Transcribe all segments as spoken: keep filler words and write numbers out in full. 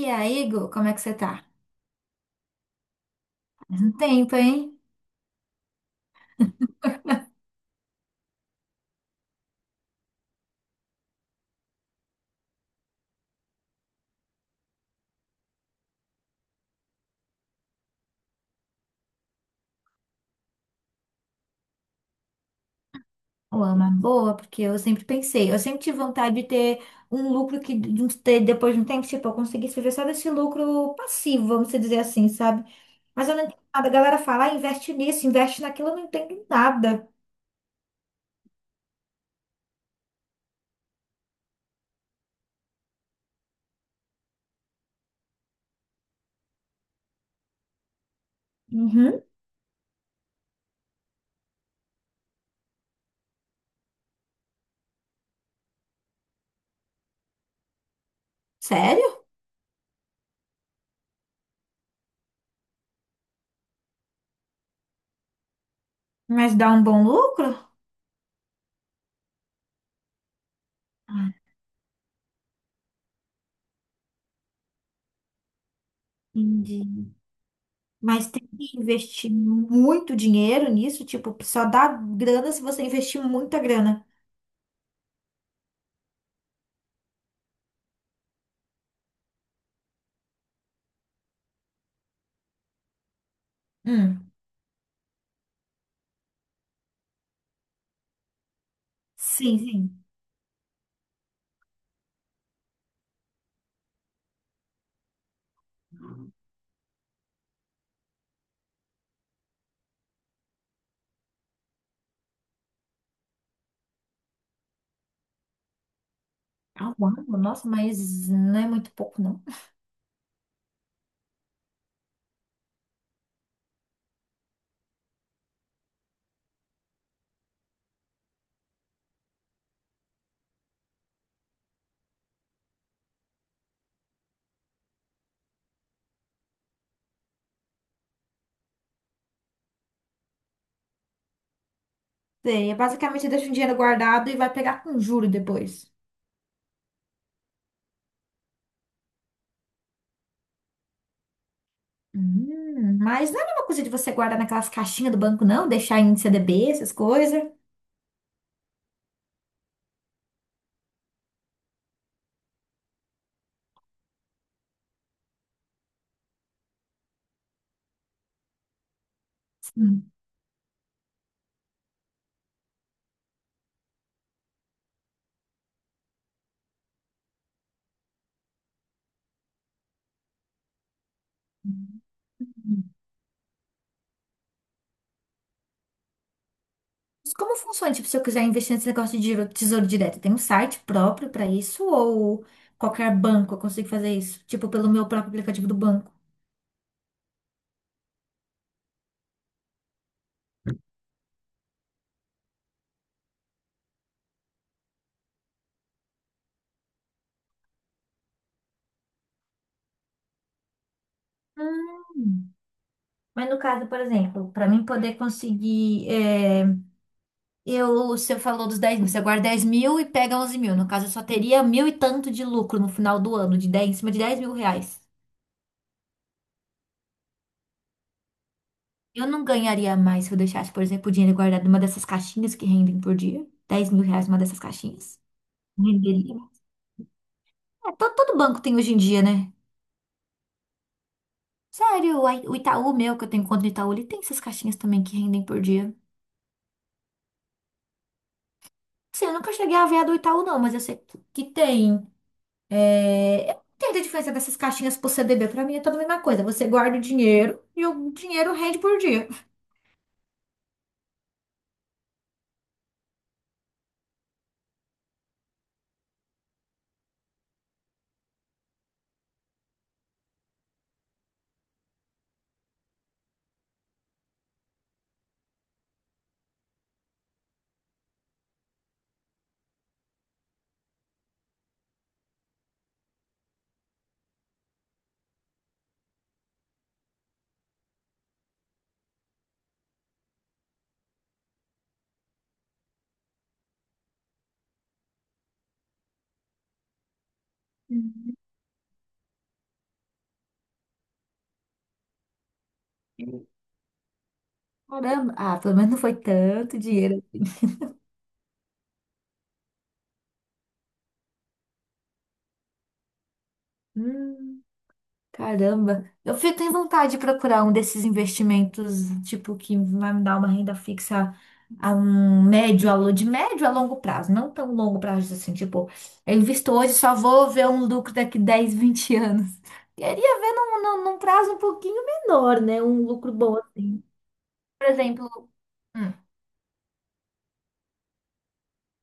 E aí, Igor, como é que você tá? Faz um tempo, hein? Ou é uma boa, porque eu sempre pensei, eu sempre tive vontade de ter um lucro que de um- ter- depois de um tempo, tipo, eu conseguisse viver só desse lucro passivo, vamos dizer assim, sabe? Mas eu não entendo nada. A galera fala, ah, investe nisso, investe naquilo, eu não entendo nada. Uhum. Sério? Mas dá um bom lucro? Ah, entendi. Mas tem que investir muito dinheiro nisso, tipo, só dá grana se você investir muita grana. Hum. Sim, sim. Ah, uau, nossa, mas não é muito pouco, não. Sei, é basicamente deixa um dinheiro guardado e vai pegar com juro depois. Hum, mas não é a mesma coisa de você guardar naquelas caixinhas do banco, não? Deixar em C D B, essas coisas. Sim. Mas como funciona? Tipo, se eu quiser investir nesse negócio de giro- tesouro direto, tem um site próprio para isso? Ou qualquer banco eu consigo fazer isso? Tipo, pelo meu próprio aplicativo do banco? Hum. Mas no caso, por exemplo, para mim poder conseguir. Eu, você falou dos dez mil, você guarda dez mil e pega onze mil. No caso, eu só teria mil e tanto de lucro no final do ano, de dez em cima de dez mil reais. Eu não ganharia mais se eu deixasse, por exemplo, o dinheiro guardado numa dessas caixinhas que rendem por dia. Dez mil reais numa dessas caixinhas. Renderia. É, todo, todo banco tem hoje em dia, né? Sério, o Ai- o Itaú meu, que eu tenho conta no Itaú, ele tem essas caixinhas também que rendem por dia. Sim, eu nunca cheguei a ver a do Itaú, não, mas eu sei que que tem. É, eu não entendo a diferença dessas caixinhas pro C D B. Pra mim é toda a mesma coisa. Você guarda o dinheiro e o dinheiro rende por dia. Caramba. Ah, pelo menos não foi tanto dinheiro assim. Hum. Caramba, eu fico tenho vontade de procurar um desses investimentos, tipo, que vai me dar uma renda fixa a um médio, a lo- de médio a longo prazo, não tão longo prazo assim, tipo, eu invisto hoje, só vou ver um lucro daqui dez, vinte anos. Queria ver num, num, num prazo um pouquinho menor, né? Um lucro bom assim. Por exemplo, hum,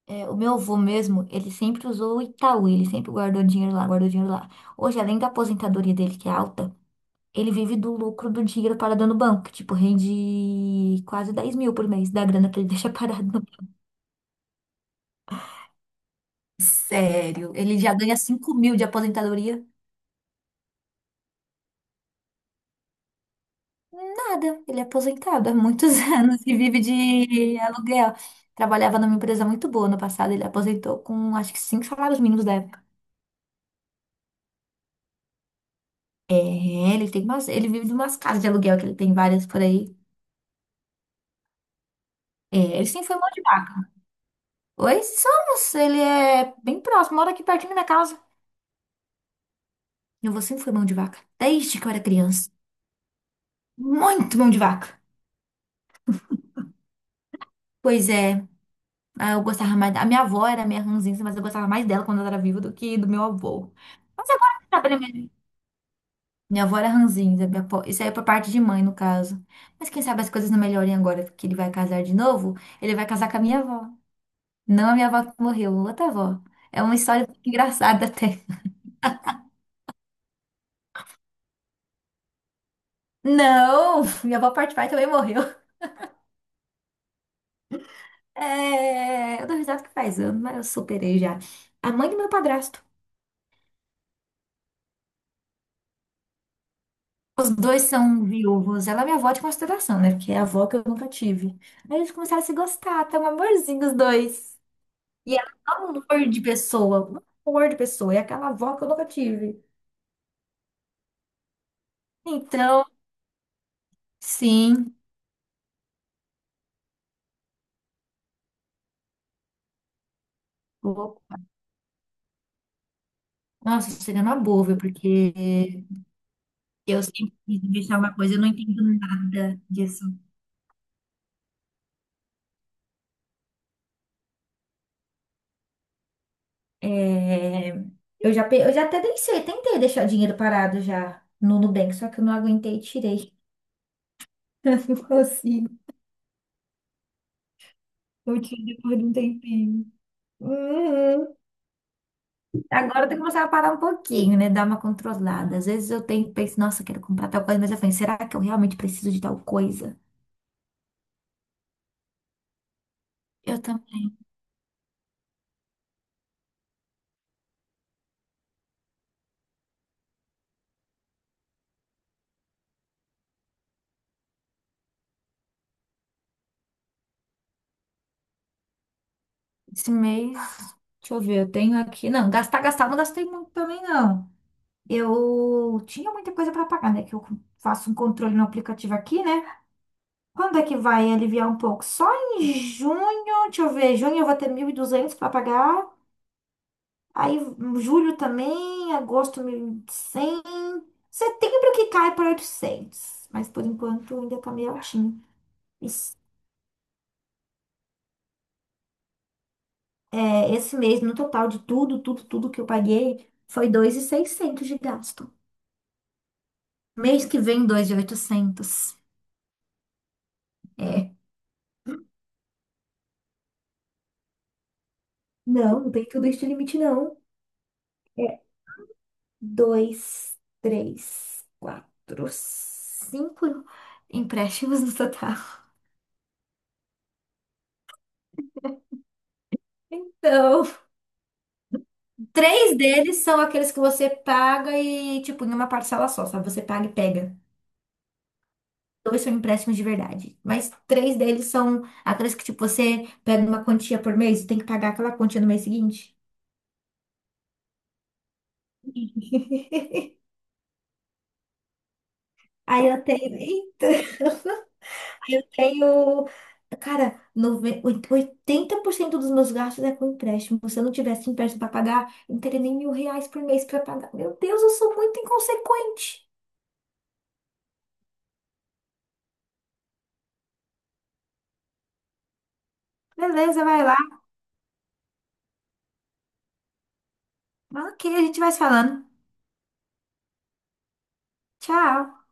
é, o meu avô mesmo, ele sempre usou o Itaú, ele sempre guardou dinheiro lá, guardou dinheiro lá. Hoje, além da aposentadoria dele, que é alta, ele vive do lucro do dinheiro parado no banco, que, tipo, rende quase dez mil por mês da grana que ele deixa parado no banco. Sério, ele já ganha cinco mil de aposentadoria? Nada, ele é aposentado há muitos anos e vive de aluguel. Trabalhava numa empresa muito boa no passado, ele aposentou com acho que cinco salários mínimos da época. É, ele tem umas, ele vive de umas casas de aluguel que ele tem várias por aí. É, ele sempre foi mão de vaca. Oi, somos, ele é bem próximo, mora aqui pertinho da minha casa. Eu vou sempre fui mão de vaca, desde que eu era criança. Muito mão de vaca. Pois é, ah, eu gostava mais da... A minha avó era a minha ranzinza, mas eu gostava mais dela quando ela era viva do que do meu avô. Mas agora, quem sabe, ele melhor. Minha avó era ranzinza, minha avó- isso aí é por parte de mãe, no caso. Mas quem sabe as coisas não melhorem agora, porque ele vai casar de novo, ele vai casar com a minha avó. Não a minha avó que morreu, outra avó. É uma história engraçada até. Não, minha avó parte pai também morreu. É, eu dou risada que faz anos, mas eu superei já. A mãe do meu padrasto. Os dois são viúvos. Ela é minha avó de consideração, né? Porque é a avó que eu nunca tive. Aí eles começaram a se gostar, tá um amorzinho os dois. E ela é um amor de pessoa, um amor de pessoa. É aquela avó que eu nunca tive. Então, sim. Opa. Nossa, tô chegando a boa, porque eu sempre quis deixar uma coisa, eu não entendo nada disso. É, eu já, pe- eu já até deixei, tentei deixar dinheiro parado já no Nubank, só que eu não aguentei e tirei. Eu não consigo. Eu tinha depois de um tempinho. Uhum. Agora eu tenho que começar a parar um pouquinho, né? Dar uma controlada. Às vezes eu tenho, penso, nossa, quero comprar tal coisa, mas eu falei, será que eu realmente preciso de tal coisa? Eu também. Esse mês, deixa eu ver, eu tenho aqui. Não, gastar, gastar, não gastei muito também, não. Eu tinha muita coisa para pagar, né? Que eu faço um controle no aplicativo aqui, né? Quando é que vai aliviar um pouco? Só em junho, deixa eu ver, junho eu vou ter mil e duzentos para pagar. Aí, julho também, agosto mil e cem. Setembro que cai para oitocentos, mas por enquanto ainda tá meio altinho. Esse, é, esse mês, no total de tudo, tudo, tudo que eu paguei, foi dois mil e seiscentos de gasto. Mês que vem, dois mil e oitocentos. É. Não, não tem tudo isso de limite, não. É dois, três, quatro, cinco empréstimos no total. Então, três deles são aqueles que você paga e, tipo, em uma parcela só, sabe? Você paga e pega. Dois são empréstimos de verdade, mas três deles são aqueles que, tipo, você pega uma quantia por mês e tem que pagar aquela quantia no mês seguinte. Aí eu tenho. Eita! Eu tenho. Cara, nove- oit- oitenta por cento dos meus gastos é com empréstimo. Se eu não tivesse empréstimo para pagar, eu não teria nem mil reais por mês para pagar. Meu Deus, eu sou muito inconsequente. Beleza, vai lá. Ok, a gente vai se falando. Tchau.